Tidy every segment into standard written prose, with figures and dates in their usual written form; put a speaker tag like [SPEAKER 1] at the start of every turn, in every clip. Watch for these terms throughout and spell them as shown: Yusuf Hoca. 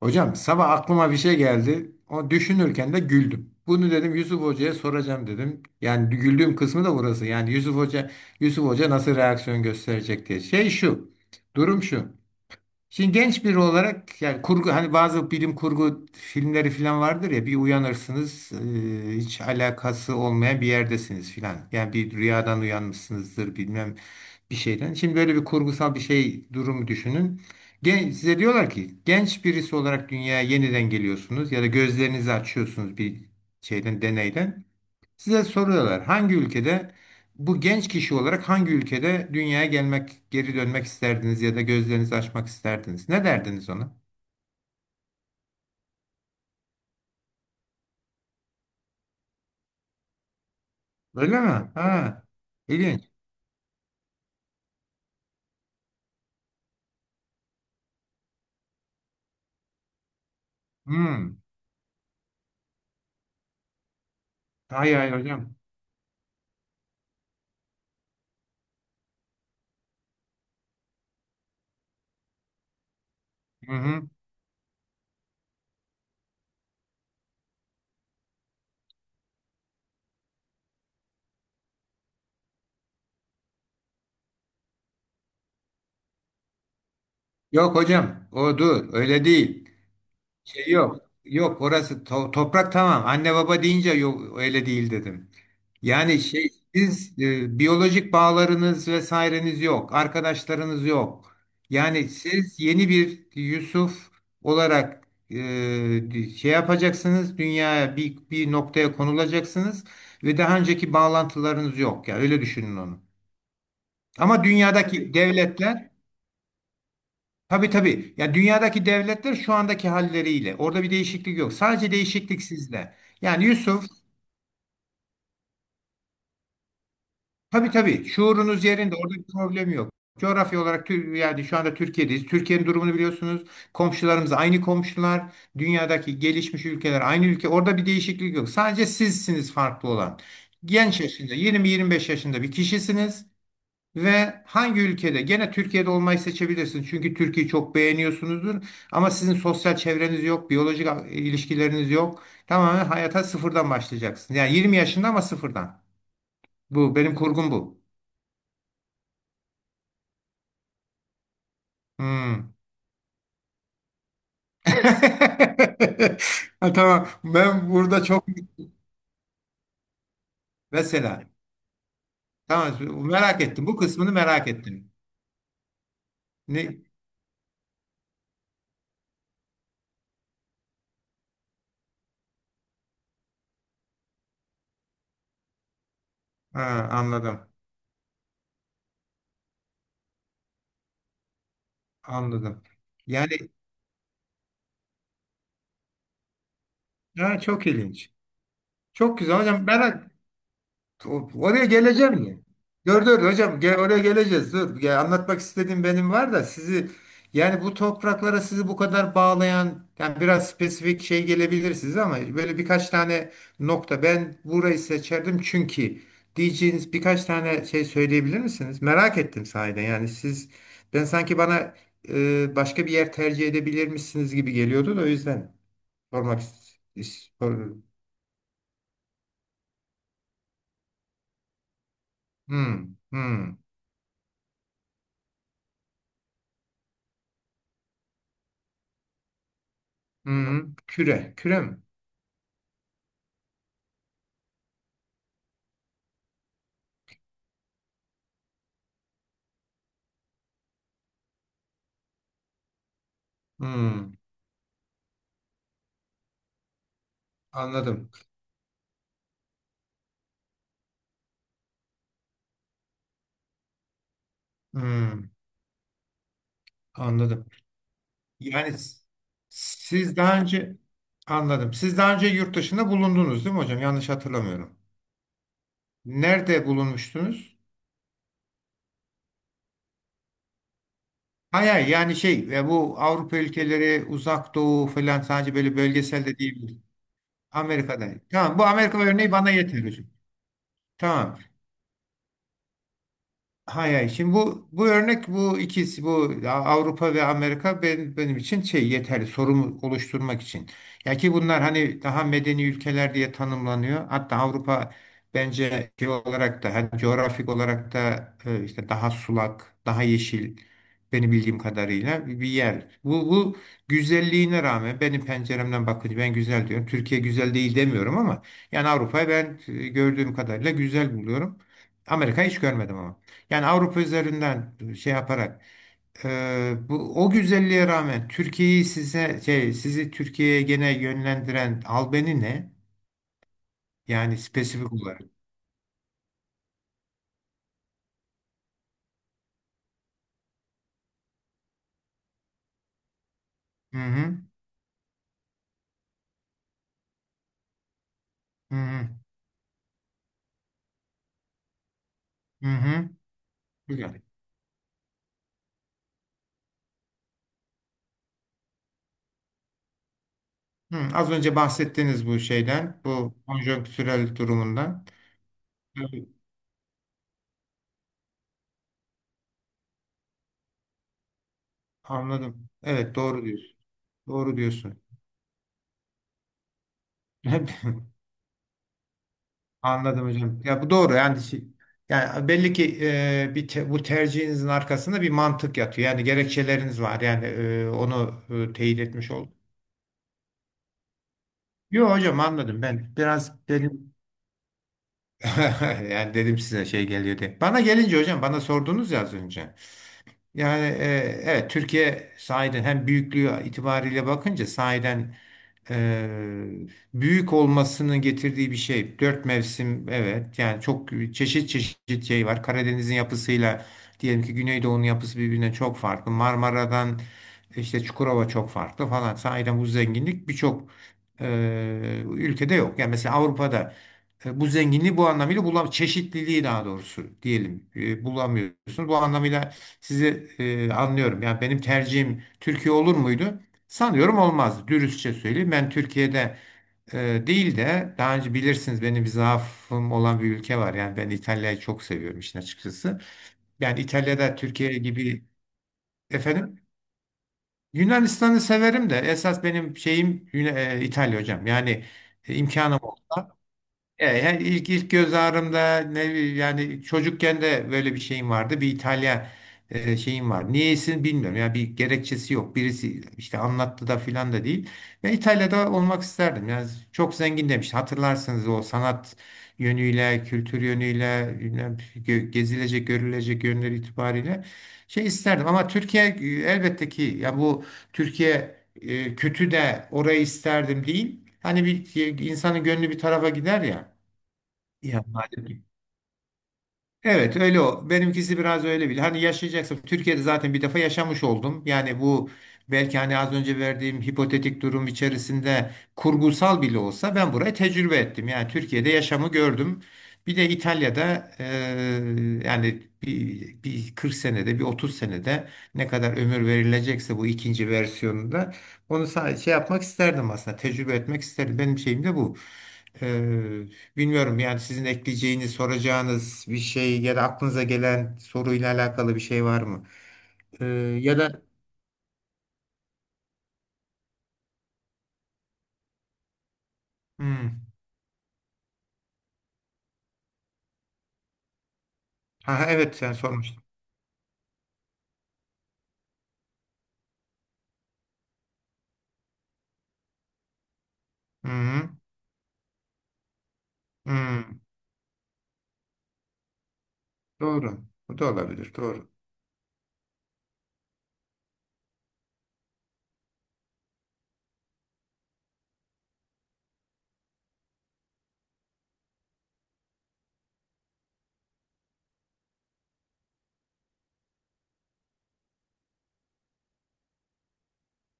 [SPEAKER 1] Hocam, sabah aklıma bir şey geldi. O düşünürken de güldüm. Bunu dedim, Yusuf Hoca'ya soracağım dedim. Yani güldüğüm kısmı da burası. Yani Yusuf Hoca nasıl reaksiyon gösterecek diye. Şey şu. Durum şu. Şimdi genç biri olarak, yani kurgu, hani bazı bilim kurgu filmleri falan vardır ya, bir uyanırsınız hiç alakası olmayan bir yerdesiniz filan. Yani bir rüyadan uyanmışsınızdır, bilmem bir şeyden. Şimdi böyle bir kurgusal bir şey durumu düşünün. Size diyorlar ki, genç birisi olarak dünyaya yeniden geliyorsunuz ya da gözlerinizi açıyorsunuz bir şeyden, deneyden. Size soruyorlar, hangi ülkede, bu genç kişi olarak hangi ülkede dünyaya gelmek, geri dönmek isterdiniz ya da gözlerinizi açmak isterdiniz? Ne derdiniz ona? Öyle mi? Ha. ilginç. Hmm. Hay hay hocam. Hı hı. Yok hocam. O dur. Öyle değil. Şey yok. Yok, orası toprak tamam. Anne baba deyince yok öyle değil dedim. Yani şey, siz biyolojik bağlarınız, vesaireniz yok, arkadaşlarınız yok. Yani siz yeni bir Yusuf olarak şey yapacaksınız, dünyaya bir noktaya konulacaksınız ve daha önceki bağlantılarınız yok. Yani öyle düşünün onu. Ama dünyadaki devletler Tabii tabii, ya dünyadaki devletler şu andaki halleriyle, orada bir değişiklik yok. Sadece değişiklik sizde. Yani Yusuf Tabii tabii. Şuurunuz yerinde. Orada bir problem yok. Coğrafya olarak yani şu anda Türkiye'deyiz. Türkiye'nin durumunu biliyorsunuz. Komşularımız aynı komşular. Dünyadaki gelişmiş ülkeler aynı ülke. Orada bir değişiklik yok. Sadece sizsiniz farklı olan. Genç yaşında, 20-25 yaşında bir kişisiniz ve hangi ülkede, gene Türkiye'de olmayı seçebilirsiniz. Çünkü Türkiye'yi çok beğeniyorsunuzdur ama sizin sosyal çevreniz yok, biyolojik ilişkileriniz yok. Tamamen hayata sıfırdan başlayacaksınız. Yani 20 yaşında ama sıfırdan. Bu benim kurgum bu. Hmm. Ha, tamam. Ben burada çok mesela. Tamam. Merak ettim. Bu kısmını merak ettim. Ne? Ha, anladım. Anladım. Yani ha, çok ilginç. Çok güzel hocam. O- Oraya geleceğim ya. Dur dur hocam, gel, oraya geleceğiz. Dur. Ya, anlatmak istediğim benim var da, sizi, yani bu topraklara sizi bu kadar bağlayan, yani biraz spesifik şey gelebilir size ama böyle birkaç tane nokta, ben burayı seçerdim çünkü diyeceğiniz birkaç tane şey söyleyebilir misiniz? Merak ettim sahiden. Yani ben sanki bana başka bir yer tercih edebilirmişsiniz gibi geliyordu, da o yüzden sormak istiyorum. Hmm, hmm, hmm. Küre, küre mi? Hmm, anladım. Hmm, anladım. Yani siz daha önce anladım. Siz daha önce yurt dışında bulundunuz değil mi hocam? Yanlış hatırlamıyorum. Nerede bulunmuştunuz? Hayır, hayır, yani şey, bu Avrupa ülkeleri, Uzak Doğu falan, sadece böyle bölgesel de değil. Amerika'da. Tamam, bu Amerika örneği bana yeter hocam. Tamam. Hay hay. Şimdi bu örnek, bu ikisi, bu Avrupa ve Amerika, benim için şey, yeterli sorumu oluşturmak için. Ya ki bunlar hani daha medeni ülkeler diye tanımlanıyor. Hatta Avrupa bence şey olarak da, hani coğrafik olarak da, işte daha sulak, daha yeşil, benim bildiğim kadarıyla bir yer. Bu güzelliğine rağmen, benim penceremden bakınca ben güzel diyorum. Türkiye güzel değil demiyorum ama yani Avrupa'yı ben gördüğüm kadarıyla güzel buluyorum. Amerika'yı hiç görmedim ama. Yani Avrupa üzerinden şey yaparak, e, bu o güzelliğe rağmen, Türkiye'yi size şey, sizi Türkiye'ye gene yönlendiren albeni ne? Yani spesifik olarak. Hı hı. Hı hı. Hı hı. Güzel. Hı, az önce bahsettiğiniz bu şeyden, bu konjonktürel durumundan. Evet, anladım. Evet, doğru diyorsun. Doğru diyorsun. Anladım hocam. Ya bu doğru, yani yani belli ki bir bu tercihinizin arkasında bir mantık yatıyor. Yani gerekçeleriniz var. Yani onu teyit etmiş oldum. Yok hocam, anladım ben. Biraz dedim, yani dedim, size şey geliyor diye. Bana gelince hocam, bana sordunuz ya az önce. Yani evet, Türkiye sahiden hem büyüklüğü itibariyle bakınca sahiden, Eee, büyük olmasının getirdiği bir şey. Dört mevsim, evet, yani çok çeşit çeşit şey var. Karadeniz'in yapısıyla diyelim ki Güneydoğu'nun yapısı birbirinden çok farklı. Marmara'dan işte Çukurova çok farklı falan. Sahiden bu zenginlik birçok ülkede yok. Yani mesela Avrupa'da bu zenginliği, bu anlamıyla bulam, çeşitliliği daha doğrusu diyelim, bulamıyorsunuz. Bu anlamıyla sizi anlıyorum. Yani benim tercihim Türkiye olur muydu? Sanıyorum olmaz. Dürüstçe söyleyeyim. Ben Türkiye'de değil de, daha önce bilirsiniz, benim bir zaafım olan bir ülke var. Yani ben İtalya'yı çok seviyorum işin açıkçası. Yani İtalya'da Türkiye gibi, efendim, Yunanistan'ı severim de esas benim şeyim İtalya hocam. Yani imkanım olsa. Yani ilk göz ağrımda, ne bileyim, yani çocukken de böyle bir şeyim vardı. Bir İtalya şeyim var. Niyeyse bilmiyorum. Yani bir gerekçesi yok. Birisi işte anlattı da filan da değil. Ve İtalya'da olmak isterdim. Yani çok zengin demişti, hatırlarsınız, o sanat yönüyle, kültür yönüyle, bilmem, gezilecek, görülecek yönleri itibariyle şey isterdim. Ama Türkiye elbette ki ya, bu Türkiye kötü de orayı isterdim değil. Hani bir insanın gönlü bir tarafa gider ya. Ya madem ki Evet öyle o. Benimkisi biraz öyle bile. Hani yaşayacaksın. Türkiye'de zaten bir defa yaşamış oldum. Yani bu, belki hani az önce verdiğim hipotetik durum içerisinde, kurgusal bile olsa ben burayı tecrübe ettim. Yani Türkiye'de yaşamı gördüm. Bir de İtalya'da, yani bir 40 senede, bir 30 senede, ne kadar ömür verilecekse, bu ikinci versiyonunda onu sadece şey yapmak isterdim aslında. Tecrübe etmek isterdim. Benim şeyim de bu. Bilmiyorum, yani sizin ekleyeceğiniz, soracağınız bir şey ya da aklınıza gelen soruyla alakalı bir şey var mı? Ee, ya da hmm. Ha, evet, sen sormuştun. Hı-hı. Hı. Hmm. Doğru. Bu da olabilir. Doğru.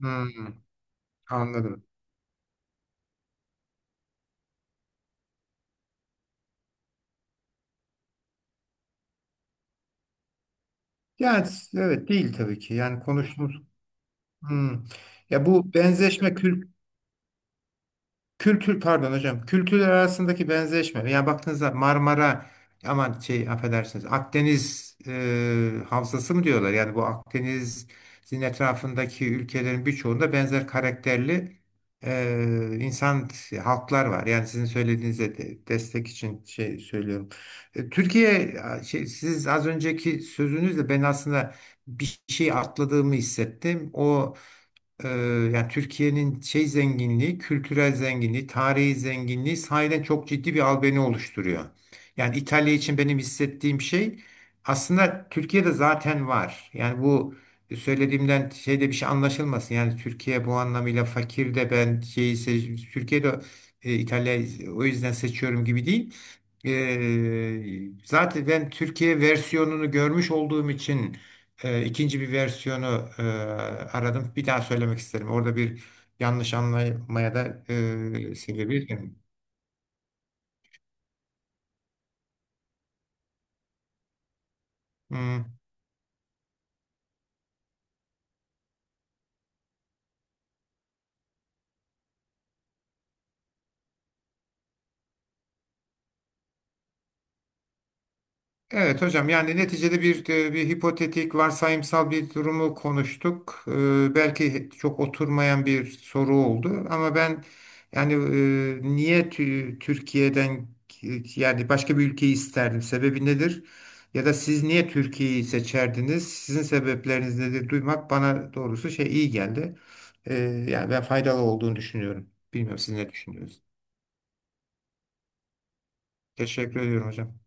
[SPEAKER 1] Hı, anladım. Yani evet, değil tabii ki. Yani konuştuğumuz. Hı. Ya bu benzeşme kültür, pardon hocam. Kültürler arasındaki benzeşme. Yani baktığınızda, aman şey, affedersiniz, Akdeniz havzası mı diyorlar? Yani bu Akdeniz'in etrafındaki ülkelerin birçoğunda benzer karakterli e, insan halklar var. Yani sizin söylediğinize de, destek için şey söylüyorum. Siz az önceki sözünüzle ben aslında bir şey atladığımı hissettim. O ee, yani Türkiye'nin şey zenginliği, kültürel zenginliği, tarihi zenginliği sahiden çok ciddi bir albeni oluşturuyor. Yani İtalya için benim hissettiğim şey aslında Türkiye'de zaten var. Yani bu söylediğimden şeyde bir şey anlaşılmasın. Yani Türkiye bu anlamıyla fakir de ben Türkiye'de İtalya'yı o yüzden seçiyorum gibi değil. Ee, zaten ben Türkiye versiyonunu görmüş olduğum için ikinci bir versiyonu aradım. Bir daha söylemek isterim. Orada bir yanlış anlamaya da sebebi. Evet hocam, yani neticede bir, bir hipotetik, varsayımsal bir durumu konuştuk. Belki çok oturmayan bir soru oldu ama ben, yani niye Türkiye'den yani başka bir ülkeyi isterdim? Sebebi nedir? Ya da siz niye Türkiye'yi seçerdiniz? Sizin sebepleriniz nedir? Duymak bana doğrusu şey, iyi geldi. Ee, yani ben faydalı olduğunu düşünüyorum. Bilmiyorum, siz ne düşünüyorsunuz? Teşekkür ediyorum hocam.